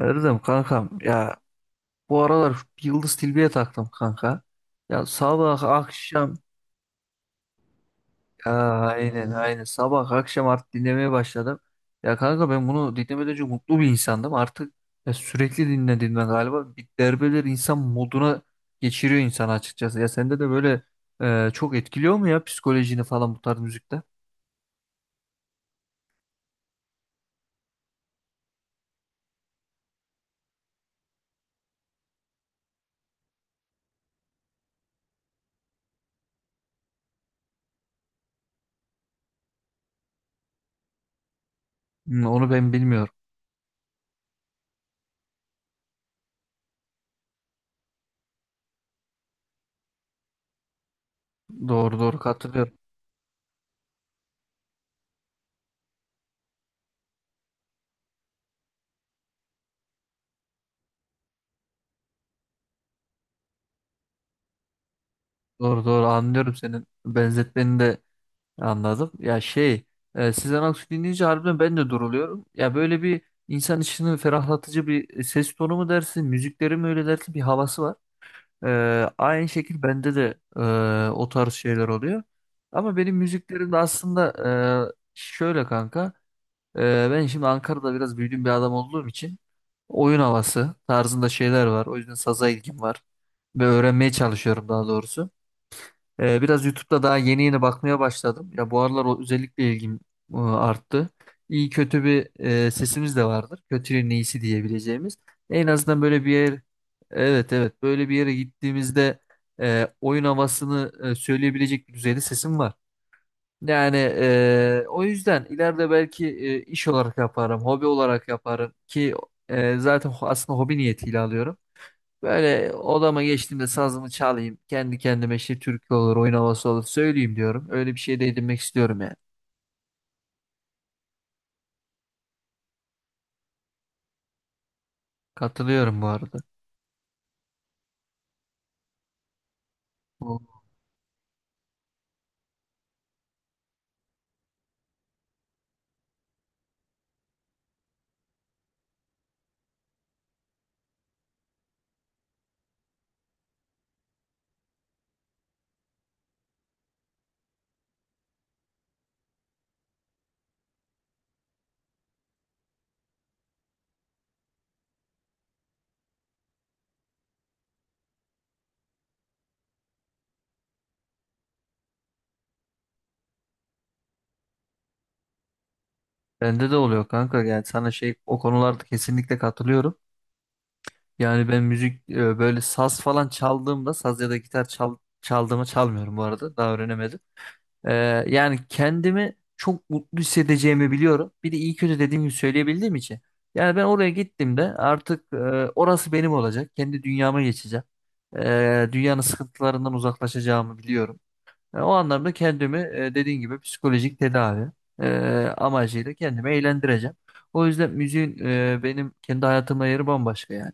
Erdem kankam ya bu aralar Yıldız Tilbe'ye taktım kanka. Ya sabah akşam ya aynen sabah akşam artık dinlemeye başladım. Ya kanka ben bunu dinlemeden önce mutlu bir insandım. Artık ya sürekli dinle galiba bir derbeler insan moduna geçiriyor insanı açıkçası. Ya sende de böyle çok etkiliyor mu ya psikolojini falan bu tarz müzikte? Hmm. Onu ben bilmiyorum. Doğru, katılıyorum. Doğru, anlıyorum senin benzetmeni de anladım. Ya şey Sezen Aksu dinleyince harbiden ben de duruluyorum. Ya böyle bir insan içini ferahlatıcı bir ses tonu mu dersin, müzikleri mi öyle dersin bir havası var. E, Aynı şekil bende de o tarz şeyler oluyor. Ama benim müziklerim de aslında şöyle kanka. Ben şimdi Ankara'da biraz büyüdüğüm bir adam olduğum için oyun havası tarzında şeyler var. O yüzden saza ilgim var ve öğrenmeye çalışıyorum daha doğrusu. Biraz YouTube'da daha yeni bakmaya başladım. Ya bu aralar o özellikle ilgim arttı. İyi kötü bir sesimiz de vardır. Kötünün iyisi diyebileceğimiz. En azından böyle bir yer, evet, evet, böyle bir yere gittiğimizde oyun havasını söyleyebilecek bir düzeyde sesim var. Yani o yüzden ileride belki iş olarak yaparım, hobi olarak yaparım ki zaten aslında hobi niyetiyle alıyorum. Böyle odama geçtiğimde sazımı çalayım, kendi kendime işte türkü olur, oyun havası olur söyleyeyim diyorum. Öyle bir şey de edinmek istiyorum yani. Katılıyorum bu arada. Bu Bende de oluyor kanka, yani sana şey, o konularda kesinlikle katılıyorum. Yani ben müzik böyle saz falan çaldığımda saz ya da gitar çaldığımı çalmıyorum bu arada, daha öğrenemedim. Ee, Yani kendimi çok mutlu hissedeceğimi biliyorum. Bir de iyi kötü dediğim gibi söyleyebildiğim için. Yani ben oraya gittiğimde artık orası benim olacak. Kendi dünyama geçeceğim. Dünyanın sıkıntılarından uzaklaşacağımı biliyorum. O anlamda kendimi dediğin gibi psikolojik tedavi e, amacıyla kendimi eğlendireceğim. O yüzden müziğin benim kendi hayatımda yeri bambaşka yani.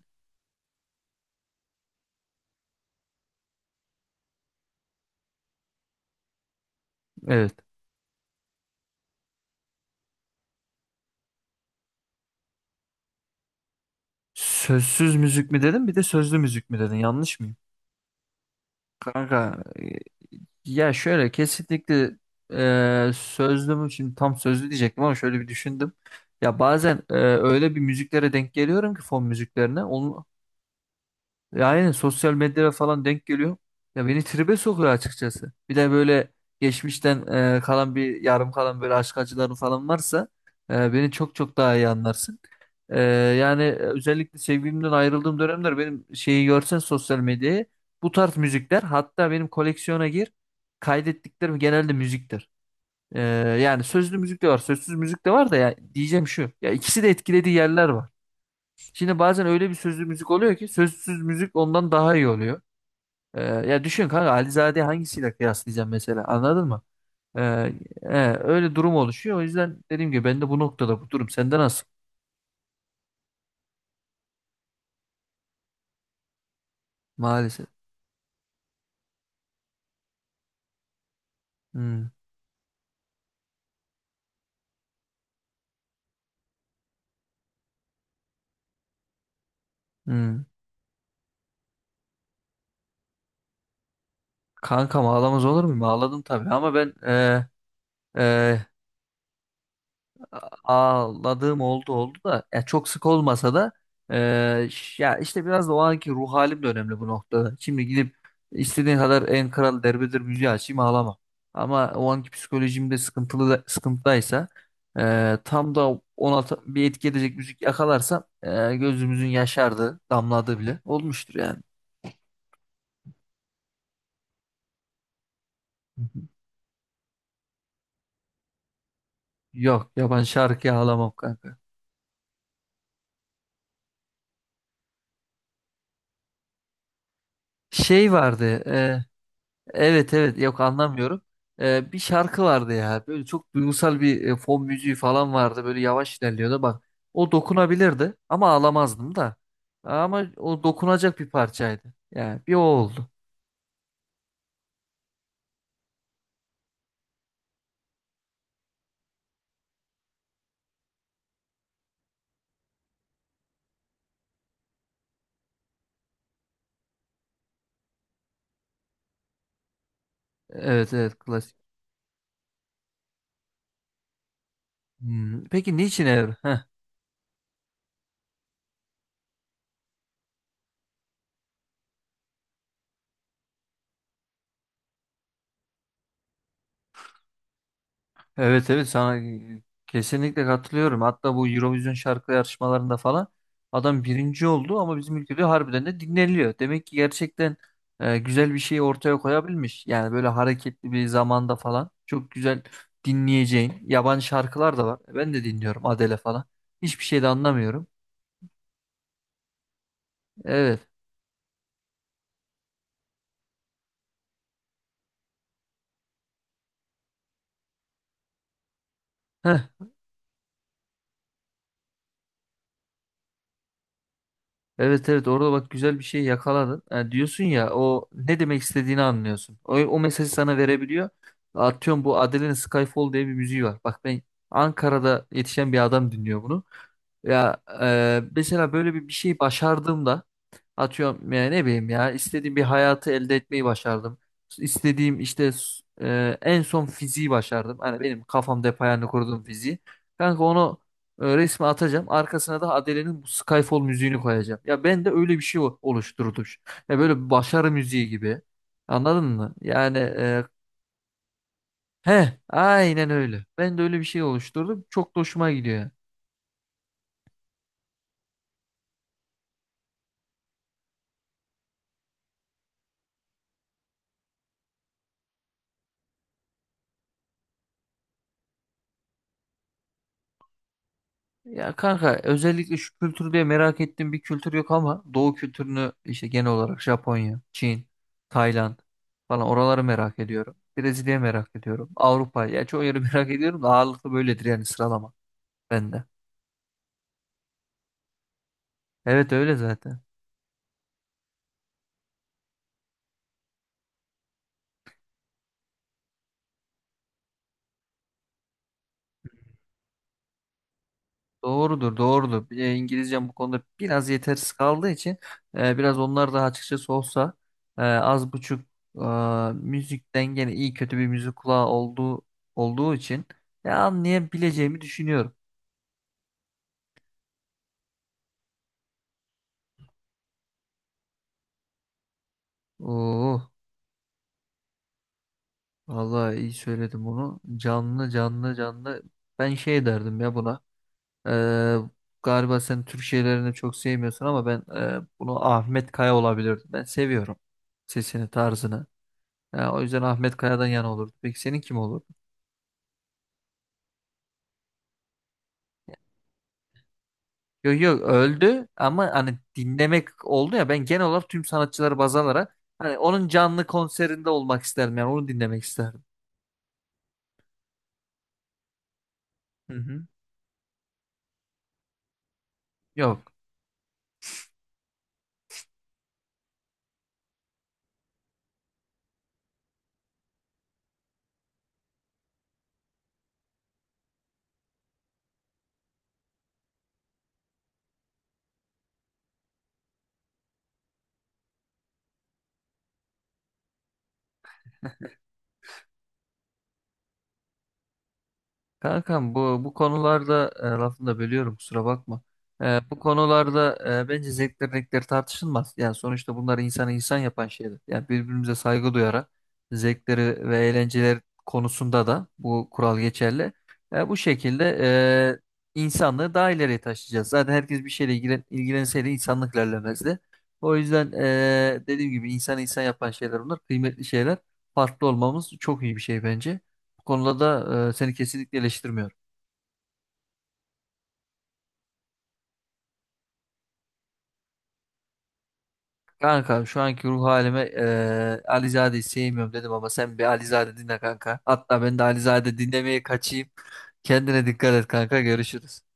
Evet. Sözsüz müzik mi dedin bir de sözlü müzik mi dedin, yanlış mıyım? Kanka, ya şöyle, kesinlikle sözlü mü şimdi, tam sözlü diyecektim ama şöyle bir düşündüm. Ya bazen öyle bir müziklere denk geliyorum ki, fon müziklerine. Onun, ya aynen, sosyal medyada falan denk geliyor. Ya beni tribe sokuyor açıkçası. Bir de böyle geçmişten kalan bir yarım kalan böyle aşk acıları falan varsa beni çok çok daha iyi anlarsın. E, Yani özellikle sevgilimden ayrıldığım dönemler benim şeyi görsen sosyal medyayı, bu tarz müzikler, hatta benim koleksiyona kaydettiklerim genelde müziktir. E, Yani sözlü müzik de var, sözsüz müzik de var da ya, diyeceğim şu. Ya ikisi de etkilediği yerler var. Şimdi bazen öyle bir sözlü müzik oluyor ki sözsüz müzik ondan daha iyi oluyor. Ya düşün kanka, Alizade'yi hangisiyle kıyaslayacağım mesela, anladın mı? Ee, Öyle durum oluşuyor. O yüzden dediğim gibi ben de bu noktada bu durum. Sende nasıl? Maalesef. Hmm. Hmm. Kankam, ağlamaz olur muyum? Ağladım tabii ama ben e, ağladığım oldu, da ya çok sık olmasa da ya işte biraz da o anki ruh halim de önemli bu noktada. Şimdi gidip istediğin kadar en kral derbedir müziği açayım, ağlama. Ama o anki psikolojimde sıkıntılı da, sıkıntıdaysa tam da ona bir etki edecek müzik yakalarsam gözümüzün yaşardığı, damladığı bile olmuştur yani. Yok, yaban şarkıya ağlamam kanka. Şey vardı evet, evet, yok, anlamıyorum. Bir şarkı vardı ya, böyle çok duygusal bir fon müziği falan vardı, böyle yavaş ilerliyordu bak, o dokunabilirdi ama ağlamazdım da, ama o dokunacak bir parçaydı yani, bir o oldu. Evet, evet, klasik. Hmm. Peki niçin Evrim? Evet, evet, sana kesinlikle katılıyorum. Hatta bu Eurovision şarkı yarışmalarında falan adam birinci oldu ama bizim ülkede harbiden de dinleniliyor. Demek ki gerçekten güzel bir şey ortaya koyabilmiş. Yani böyle hareketli bir zamanda falan çok güzel dinleyeceğin yabancı şarkılar da var. Ben de dinliyorum, Adele falan. Hiçbir şey de anlamıyorum. Evet. Heh. Evet, evet, orada bak güzel bir şey yakaladın. Ha, diyorsun ya o ne demek istediğini anlıyorsun. O mesajı sana verebiliyor. Atıyorum, bu Adele'nin Skyfall diye bir müziği var. Bak ben Ankara'da yetişen bir adam dinliyor bunu. Ya mesela böyle bir şey başardığımda, atıyorum ya, ne bileyim, ya istediğim bir hayatı elde etmeyi başardım. İstediğim işte en son fiziği başardım. Hani benim kafamda hep hayalini kurduğum fiziği. Kanka onu resmi atacağım. Arkasına da Adele'nin bu Skyfall müziğini koyacağım. Ya ben de öyle bir şey oluşturdum. Ya böyle bir başarı müziği gibi. Anladın mı? Yani he aynen öyle. Ben de öyle bir şey oluşturdum. Çok da hoşuma gidiyor. Ya kanka, özellikle şu kültür diye merak ettiğim bir kültür yok ama Doğu kültürünü, işte genel olarak Japonya, Çin, Tayland falan, oraları merak ediyorum. Brezilya merak ediyorum. Avrupa ya, çoğu yeri merak ediyorum da ağırlıklı böyledir yani sıralama bende. Evet, öyle zaten. Doğrudur, doğrudur. E, İngilizcem bu konuda biraz yetersiz kaldığı için biraz onlar da açıkçası olsa az buçuk e, müzikten gene iyi kötü bir müzik kulağı olduğu için anlayabileceğimi düşünüyorum. Oo, vallahi iyi söyledim bunu. Canlı. Ben şey derdim ya buna. E, Galiba sen Türk şeylerini çok sevmiyorsun ama ben bunu Ahmet Kaya olabilirdim. Ben seviyorum sesini, tarzını. Ya, o yüzden Ahmet Kaya'dan yana olurdu. Peki senin kim olurdu? Yok, yok, öldü ama hani dinlemek oldu ya, ben genel olarak tüm sanatçıları baz alarak hani onun canlı konserinde olmak isterdim, yani onu dinlemek isterdim. Hı hı. Yok. Kankam, bu konularda lafını da bölüyorum, kusura bakma. E, bu konularda bence zevkler renkler tartışılmaz. Yani sonuçta bunlar insanı insan yapan şeyler. Yani birbirimize saygı duyarak zevkleri ve eğlenceler konusunda da bu kural geçerli. E, bu şekilde insanlığı daha ileriye taşıyacağız. Zaten herkes bir şeyle ilgilenseydi insanlık ilerlemezdi. O yüzden dediğim gibi insanı insan yapan şeyler bunlar. Kıymetli şeyler. Farklı olmamız çok iyi bir şey bence. Bu konuda da seni kesinlikle eleştirmiyorum. Kanka şu anki ruh halime Alizade'yi sevmiyorum dedim ama sen bir Alizade dinle kanka. Hatta ben de Alizade dinlemeye kaçayım. Kendine dikkat et kanka, görüşürüz.